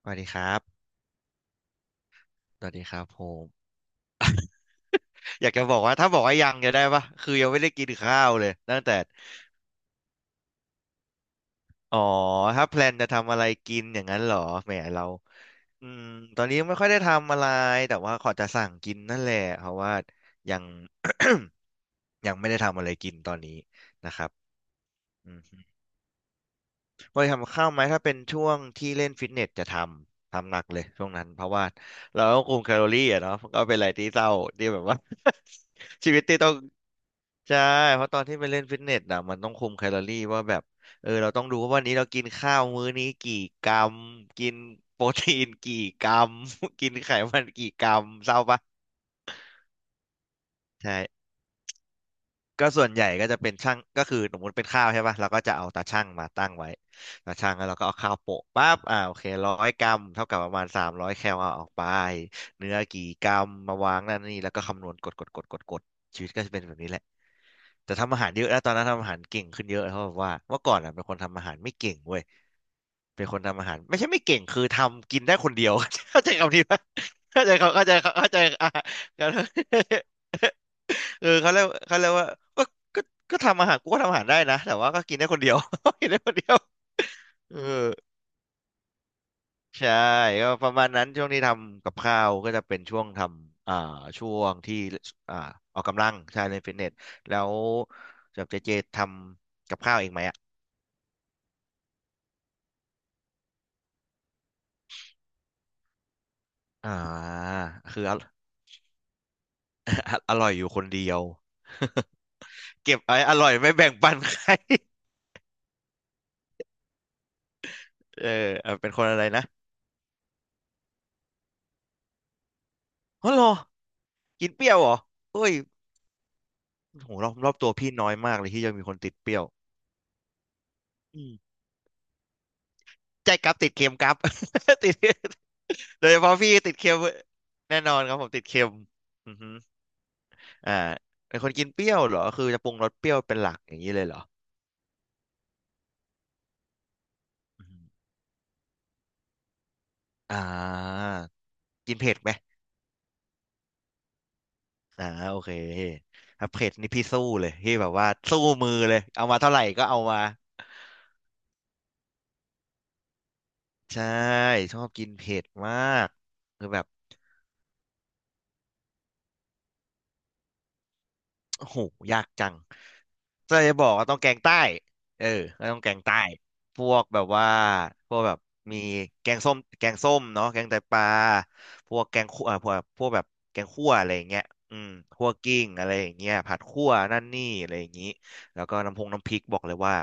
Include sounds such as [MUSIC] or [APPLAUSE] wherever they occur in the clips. สวัสดีครับสวัสดีครับผมอยากจะบอกว่าถ้าบอกว่ายังจะได้ปะคือยังไม่ได้กินข้าวเลยตั้งแต่อ๋อ ถ้าแพลนจะทำอะไรกินอย่างนั้นเหรอแหมเราอืมตอนนี้ไม่ค่อยได้ทำอะไร แต่ว่าขอจะสั่งกินนั่นแหละเพราะว่ายัง [COUGHS] ยังไม่ได้ทำอะไรกินตอนนี้นะครับอืมพอทำข้าวไหมถ้าเป็นช่วงที่เล่นฟิตเนสจะทำหนักเลยช่วงนั้นเพราะว่าเราต้องคุมแคลอรี่อะเนาะมันก็เป็นอะไรที่เศร้าที่แบบว่า [LAUGHS] ชีวิตที่ต้อง ใช่ เพราะตอนที่ไปเล่นฟิตเนสอ่ะมันต้องคุมแคลอรี่ว่าแบบเออเราต้องดูว่าวันนี้เรากินข้าวมื้อนี้กี่กรัมกินโปรตีนกี่กรัม [LAUGHS] กินไขมันกี่กรัมเศร้าปะ ใช่ ก็ส่วนใหญ่ก็จะเป็นช่างก็คือสมมติเป็นข้าวใช่ป่ะเราก็จะเอาตาช่างมาตั้งไว้ตาช่างแล้วเราก็เอาข้าวโปะปั๊บอ่าโอเคร้อยกรัมเท่ากับประมาณสามร้อยแคลเอาออกไปเนื้อกี่กรัมมาวางนั่นนี่แล้วก็คำนวณกดกดกดกดกดชีวิตก็จะเป็นแบบนี้แหละแต่ทำอาหารเยอะแล้วตอนนั้นทำอาหารเก่งขึ้นเยอะเพราะบว่าเมื่อก่อนอ่ะเป็นคนทำอาหารไม่เก่งเว้ยเป็นคนทำอาหารไม่ใช่ไม่เก่งคือทำกินได้คนเดียว [LAUGHS] เข้าใจคำนี้ปะเข้าใจเขาเข้าใจเขาเข้าใจอ่ะ [LAUGHS] เออเขาเรียกว่าก็ก็ก็ทำอาหารกูก็ทำอาหารได้นะแต่ว่าก็กินได้คนเดียว [LAUGHS] กินได้คนเดียว [LAUGHS] เออใช่ก็ประมาณนั้นช่วงที่ทำกับข้าวก็จะเป็นช่วงทำช่วงที่อ่าออกกำลังใช่เล่นฟิตเนสแล้วจับเจเจทำกับข้าวเองไหมอ่ะอ่าคืออ [LAUGHS] อร่อยอยู่คนเดียว [LAUGHS] เก็บไอ้อร่อยไม่แบ่งปันใคร [LAUGHS] เออเป็นคนอะไรนะฮัลโหรอกินเปรี้ยวเหรอเอ้ย โหรอบรอบตัวพี่น้อยมากเลยที่จะมีคนติดเปรี้ยวอืมใช่ครับติดเค็มครับ [LAUGHS] ติด [LAUGHS] โดยเฉพาะพี่ติดเค็มแน่นอนครับผมติดเค็มอือฮึอ่าเป็นคนกินเปรี้ยวเหรอคือจะปรุงรสเปรี้ยวเป็นหลักอย่างนี้เลยเหรออือฮึอ่ากินเผ็ดไหม โอเคถ้าเผ็ดนี่พี่สู้เลยพี่แบบว่าสู้มือเลยเอามาเท่าไหร่ก็เอามาใช่ชอบกินเผ็ดมากคือแบบ โอ้โหยากจังจะบอกว่าต้องแกงใต้เออก็ต้องแกงใต้พวกแบบว่า พวกแบบมีแกงส้ม แกงส้มเนาะแกงไตปลาพวกแกงคั่วพวกแบบแกงคั่วอะไรอย่างเงี้ยอืมคั่วกิ้งอะไรอย่างเงี้ยผัดคั่วนั่นนี่อะไรอย่างงี้แล้วก็น้ำพงน้ำพริกบอกเลยว่า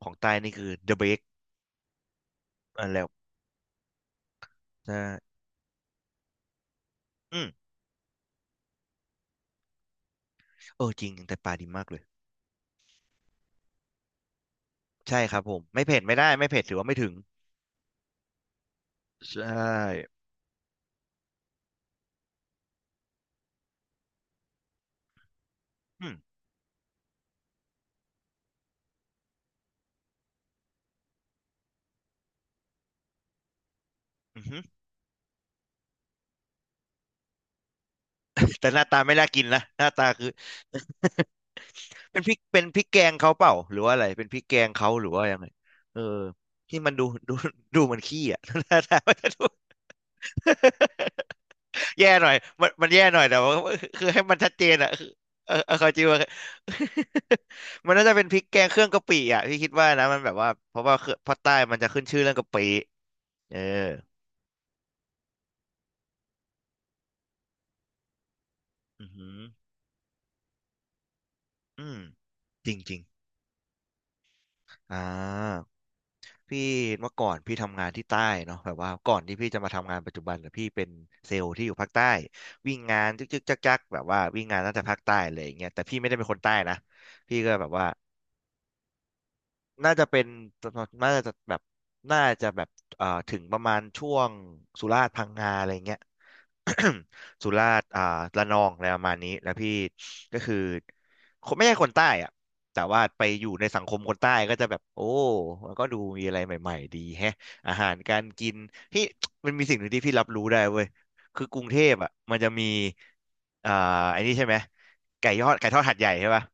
ของใต้นี่คือ the best อันแล้วใช่อืมเออจริงแกงไตปลาดีมากเลย ใช่ครับผมไม่เผ็ดไม่ได้ ไม่เผ็ดถือว่าไม่ถึงใช่อืมอืม แต่หน้าตาไม่น่ากินนะหน้าตาคือ [LAUGHS] เป็นพริกเป็นพริกแกงเขาเปล่าหรือว่าอะไรเป็นพริกแกงเขาหรือว่ายังไงเออที่มันดูดูดูเหมันขี้อ่ะ [LAUGHS] หน้าตามันจะดู [LAUGHS] แย่หน่อยมันมันแย่หน่อยแต่ว่าคือให้มันชัดเจนอ่ะคือเออเขาจริงว่า [LAUGHS] มันน่าจะเป็นพริกแกงเครื่องกะปิอ่ะพี่คิดว่านะมันแบบว่าเพราะว่าเครื่องภาคใต้มันจะขึ้นชื่อเรื่องกะปิเอออือหืออืมจริงจริงอ่า พี่เมื่อก่อนพี่ทำงานที่ใต้เนาะแบบว่าก่อนที่พี่จะมาทำงานปัจจุบันเนี่ยพี่เป็นเซลล์ที่อยู่ภาคใต้วิ่งงานจึกจึกจักจักแบบว่าวิ่งงานตั้งแต่ภาคใต้เลยอย่างเงี้ยแต่พี่ไม่ได้เป็นคนใต้นะพี่ก็แบบว่า น่าจะเป็นน่าจะแบบน่าจะแบบถึงประมาณช่วงสุราษฎร์พังงาอะไรเงี้ย [COUGHS] สุราษฎร์ระนองอะไรประมาณนี้แล้วพี่ก็คือคนไม่ใช่คนใต้อะแต่ว่าไปอยู่ในสังคมคนใต้ก็จะแบบโอ้มันก็ดูมีอะไรใหม่ๆดีแฮะอาหารการกินพี่ [TSK] มันมีสิ่งหนึ่งที่พี่รับรู้ได้เว้ยคือกรุงเทพอ่ะมันจะมีอ่าไอ้นี่ใช่ไหมไก่ยอดไก่ทอดหัดใหญ่ใช่ปะ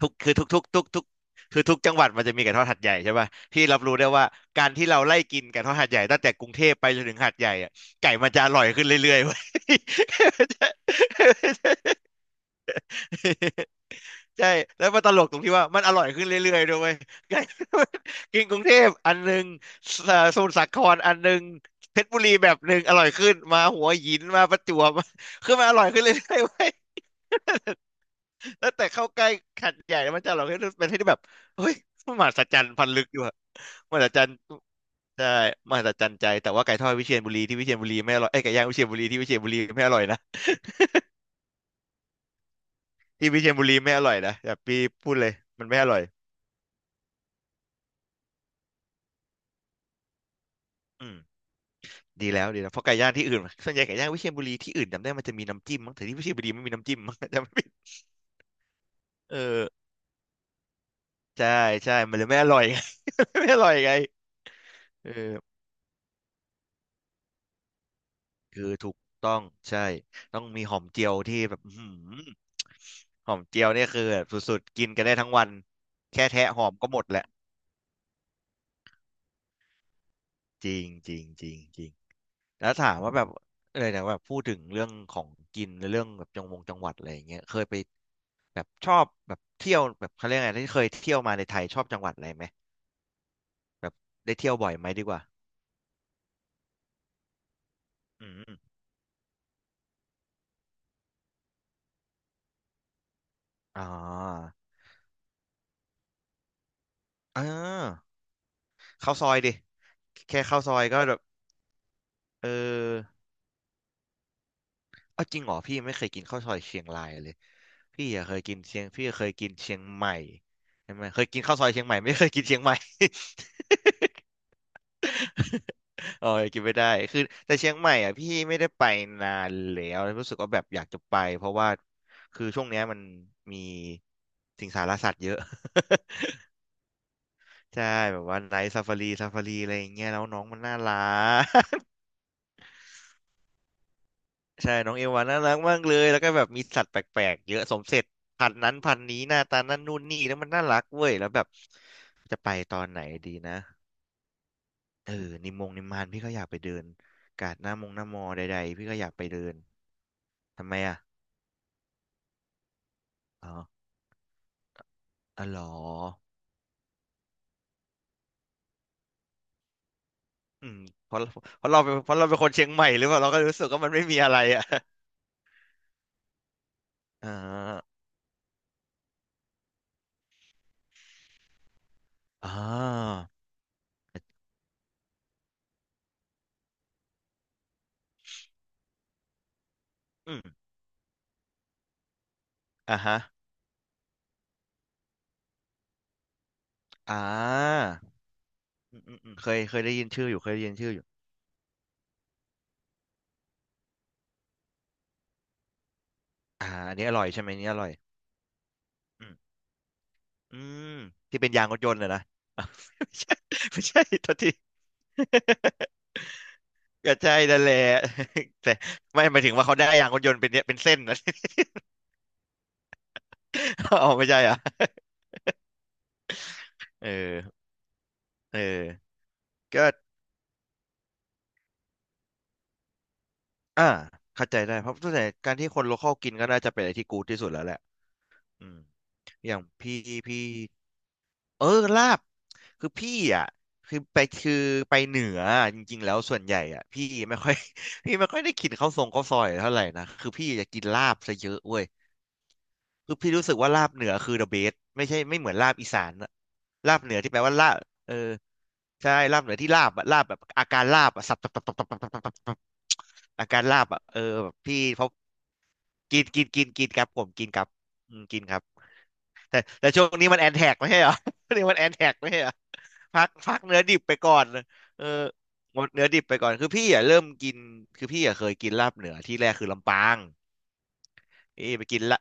ทุกคือทุกทุกทุกทุกคือทุกจังหวัดมันจะมีไก่ทอดหัดใหญ่ใช่ป่ะที่รับรู้ได้ว่าการที่เราไล่กินไก่ทอดหัดใหญ่ตั้งแต่กรุงเทพไปจนถึงหัดใหญ่อะไก่มันจะอร่อยขึ้นเรื่อยๆเว้ย [LAUGHS] ใช่แล้วมันตลกตรงที่ว่ามันอร่อยขึ้นเรื่อยๆด้วยเวย [LAUGHS] ไก่ [LAUGHS] กินกรุงเทพอันหนึ่งสอ่าสมุทรสาครอันหนึ่งเพชรบุรีแบบหนึ่งอร่อยขึ้นมาหัวหินมาประจวบ [LAUGHS] คือมันอร่อยขึ้นเรื่อยๆเว้ย [LAUGHS] แล้วแต่เข้าใกล้ขัดใหญ่แล้วมันจะเราให้เป็นที่แบบเฮ้ยมนมหัศจรรย์พันลึกอยู่อะมหัศจรรย์ใช่มหัศจรรย์ใจแต่ว่าไก่ทอดวิเชียรบุรีที่วิเชียรบุรีไม่อร่อยไอ้ยไก่ย่างวิเชียรบุรีที่วิเชียรบุรีไม่อร่อยนะที่วิเชียรบุรีไม่อร่อยนะแบบพี่พูดเลยมันไม่อร่อยอืมดีแล้วดีแล้วเพราะไก่ย่างที่อื่นส่วนใหญ่ไก่ย่างวิเชียรบุรีที่อื่นจำได้มันจะมีน้ำจิ้มมั้งแต่ที่วิเชียรบุรีไม่มีน้ำจิ้มมั้ง [LAUGHS] จำไม่ผิดเออใช่ใช่มันเลยไม่อร่อยไง [LAUGHS] ไม่อร่อยไงเออ คือถูกต้องใช่ต้องมีหอมเจียวที่แบบอื้อหือหอมเจียวเนี่ยคือแบบสุดๆกินกันได้ทั้งวันแค่แทะหอมก็หมดแหละจริงจริงจริงจริงแล้วถามว่าแบบอะไรนะแบบพูดถึงเรื่องของกินหรือเรื่องแบบจังหวัดอะไรอย่างเงี้ยเคยไปแบบชอบแบบเที่ยวแบบเขาเรียกไงที่เคยเที่ยวมาในไทยชอบจังหวัดอะไรไหมแบบได้เที่ยวบ่อยไหมดีกว่าอืมอ๋อเออข้าวซอยดิแค่ข้าวซอยก็แบบเออ เอาจริงเหรอพี่ไม่เคยกินข้าวซอยเชียงรายเลยพี่อะเคยกินเชียงเคยกินเชียงใหม่ใช่ไหมเคยกินข้าวซอยเชียงใหม่ไม่เคยกินเชียงใหม่ [LAUGHS] เออกินไม่ได้คือแต่เชียงใหม่อ่ะพี่ไม่ได้ไปนานแล้วรู้สึกว่าแบบอยากจะไปเพราะว่าคือช่วงเนี้ยมันมีสิงสารสัตว์เยอะ [LAUGHS] ใช่แบบว่าไนท์ซาฟารีซาฟารีอะไรอย่างเงี้ยแล้วน้องมันน่ารัก ใช่น้องเอวาน่ารักมากเลยแล้วก็แบบมีสัตว์แปลกๆเยอะสมเสร็จพันธุ์นั้นพันธุ์นี้หน้าตานั่นนู่นนี่แล้วมันน่ารักเว้ยแล้วแบบจะไปตอนไหนดีนะเออนิมงนิมมานพี่ก็อยากไปเดินกาดหน้ามงหน้ามอใดๆพี่ก็อยากไปเดินทำไมอ่ะอ๋ออ๋อเหรออืมเพราะเพราะเราเป็นคนเชียงใหม่หรือเปล่าเราก็รู้สึกว่ามันไม่มีอะไรอ่ะ [LAUGHS] อ่าอ่าอืมอ่าฮะอ่าอืมอืมอืมเคยเคยได้ยินชื่ออยู่เคยได้ยินชื่ออยู่อ่าอันนี้อร่อยใช่ไหมอันนี้อร่อย อืมที่เป็นยางรถยนต์เลยนะ [LAUGHS] อ้าวไม่ใช่ไม่ใช่โทษที [LAUGHS] ก็ใช่นั่นแหละ [LAUGHS] แต่ไม่หมายถึงว่าเขาได้ยางรถยนต์เป็นเนี่ยเป็นเส้นนะ [LAUGHS] อ๋อไม่ใช่เหรอ่ะ [LAUGHS] เออเออก็อ่าเข้าใจได้เพราะส่วนใหญ่การที่คนโลคอลกินก็น่าจะเป็นอะไรที่กูดที่สุดแล้วแหละอืมอย่างพี่ เออลาบคือพี่อ่ะคือไปเหนืออะจริงๆแล้วส่วนใหญ่อ่ะพี่ไม่ค่อย [LAUGHS] พี่ไม่ค่อยได้กินข้าวทรงข้าวซอยเท่าไหร่นะคือพี่จะกินลาบซะเยอะเว้ยคือพี่รู้สึกว่าลาบเหนือคือ the best ไม่ใช่ไม่เหมือนลาบอีสานอะลาบเหนือที่แปลว่าลาบเออใช่ลาบเหนือที่ลาบอะลาบแบบอาการลาบอะสับตับตับตับตับตับตับตับตับอาการลาบอะเออแบบพี่เขากินกินกินกินครับผมกินครับอืมกินครับ แต่ช่วงนี้มันแอนแท็กไม่ใช่เหรอ [LAUGHS] ช่วงนี้มันแอนแท็กไม่ใช่เหรอพักเนื้อดิบไปก่อนเออหมดเนื้อดิบไปก่อนคือพี่อ่ะเริ่มกินคือพี่อ่ะเคยกินลาบเหนือที่แรกคือลำปางพี่ไปกินละ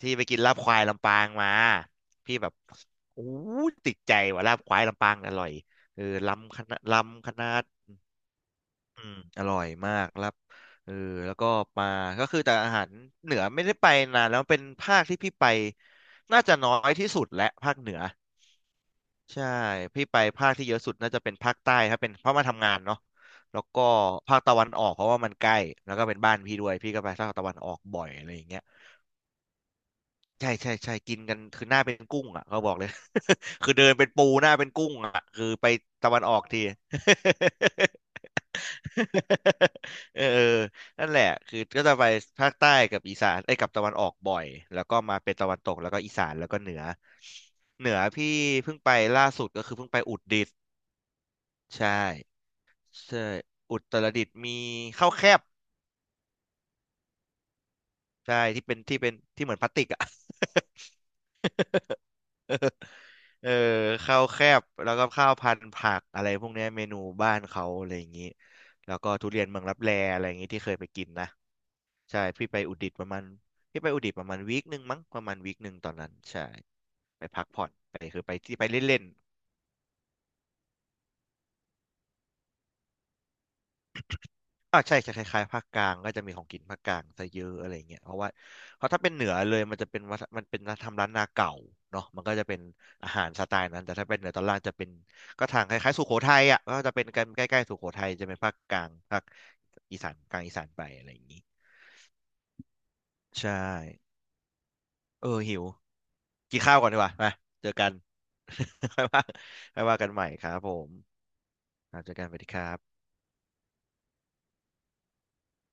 ที่ไปกินลาบควายลำปางมาพี่แบบโอ้ยติดใจว่าลาบควายลำปางอร่อยเออลำคณะลำคณะอืมอร่อยมากลาบเออแล้วก็มาก็คือแต่อาหารเหนือไม่ได้ไปนานแล้วเป็นภาคที่พี่ไปน่าจะน้อยที่สุดและภาคเหนือ ใช่พี่ไปภาคที่เยอะสุดน่าจะเป็นภาคใต้ถ้าเป็นเพราะมาทำงานเนาะแล้วก็ภาคตะวันออกเพราะว่ามันใกล้แล้วก็เป็นบ้านพี่ด้วยพี่ก็ไปภาคตะวันออกบ่อยอะไรอย่างเงี้ยใช่ใช่ใช่กินกันคือหน้าเป็นกุ้งอ่ะเขาบอกเลย [LAUGHS] คือเดินเป็นปูหน้าเป็นกุ้งอ่ะคือไปตะวันออกที [LAUGHS] เออนั่นแหละคือก็จะไปภาคใต้กับอีสานไอ้ยกับตะวันออกบ่อยแล้วก็มาเป็นตะวันตกแล้วก็อีสานแล้วก็เหนือเหนือพี่เพิ่งไปล่าสุดก็คือเพิ่งไปอุตรดิตถ์ใช่ ใช่อุตรดิตถ์มีข้าวแคบใช่ที่เป็นที่เหมือนพลาสติกอ่ะ [LAUGHS] เออข้าวแคบแล้วก็ข้าวพันธุ์ผักอะไรพวกเนี้ยเมนูบ้านเขาอะไรอย่างนี้แล้วก็ทุเรียนเมืองลับแลอะไรอย่างนี้ที่เคยไปกินนะใช่พี่ไปอุตรดิตถ์ประมาณพี่ไปอุตรดิตถ์ประมาณวีคหนึ่งมั้งประมาณวีคหนึ่งตอนนั้นใช่ไปพักผ่อนไปคือไปที่ไปเล่น อ่าใช่จะคล้ายๆภาคกลางก็จะมีของกินภาคกลางซะเยอะอะไรเงี้ยเพราะว่าเพราะถ้าเป็นเหนือเลยมันจะเป็นวัฒมันเป็นทำร้านนาเก่าเนาะมันก็จะเป็นอาหารสไตล์นั้นแต่ถ้าเป็นเหนือตอนล่างจะเป็นก็ทางคล้ายๆสุโขทัยอ่ะก็จะเป็นกันใกล้ๆสุโขทัยจะเป็นภาคกลางภาคอีสานกลางอีสานไปอะไรอย่างนี้ใช่เออหิวกินข้าวก่อนดีกว่ามาเจอกัน [LAUGHS] ค่อยว่าค่อยว่ากันใหม่ครับผมครับเจอกันสวัสดีครับ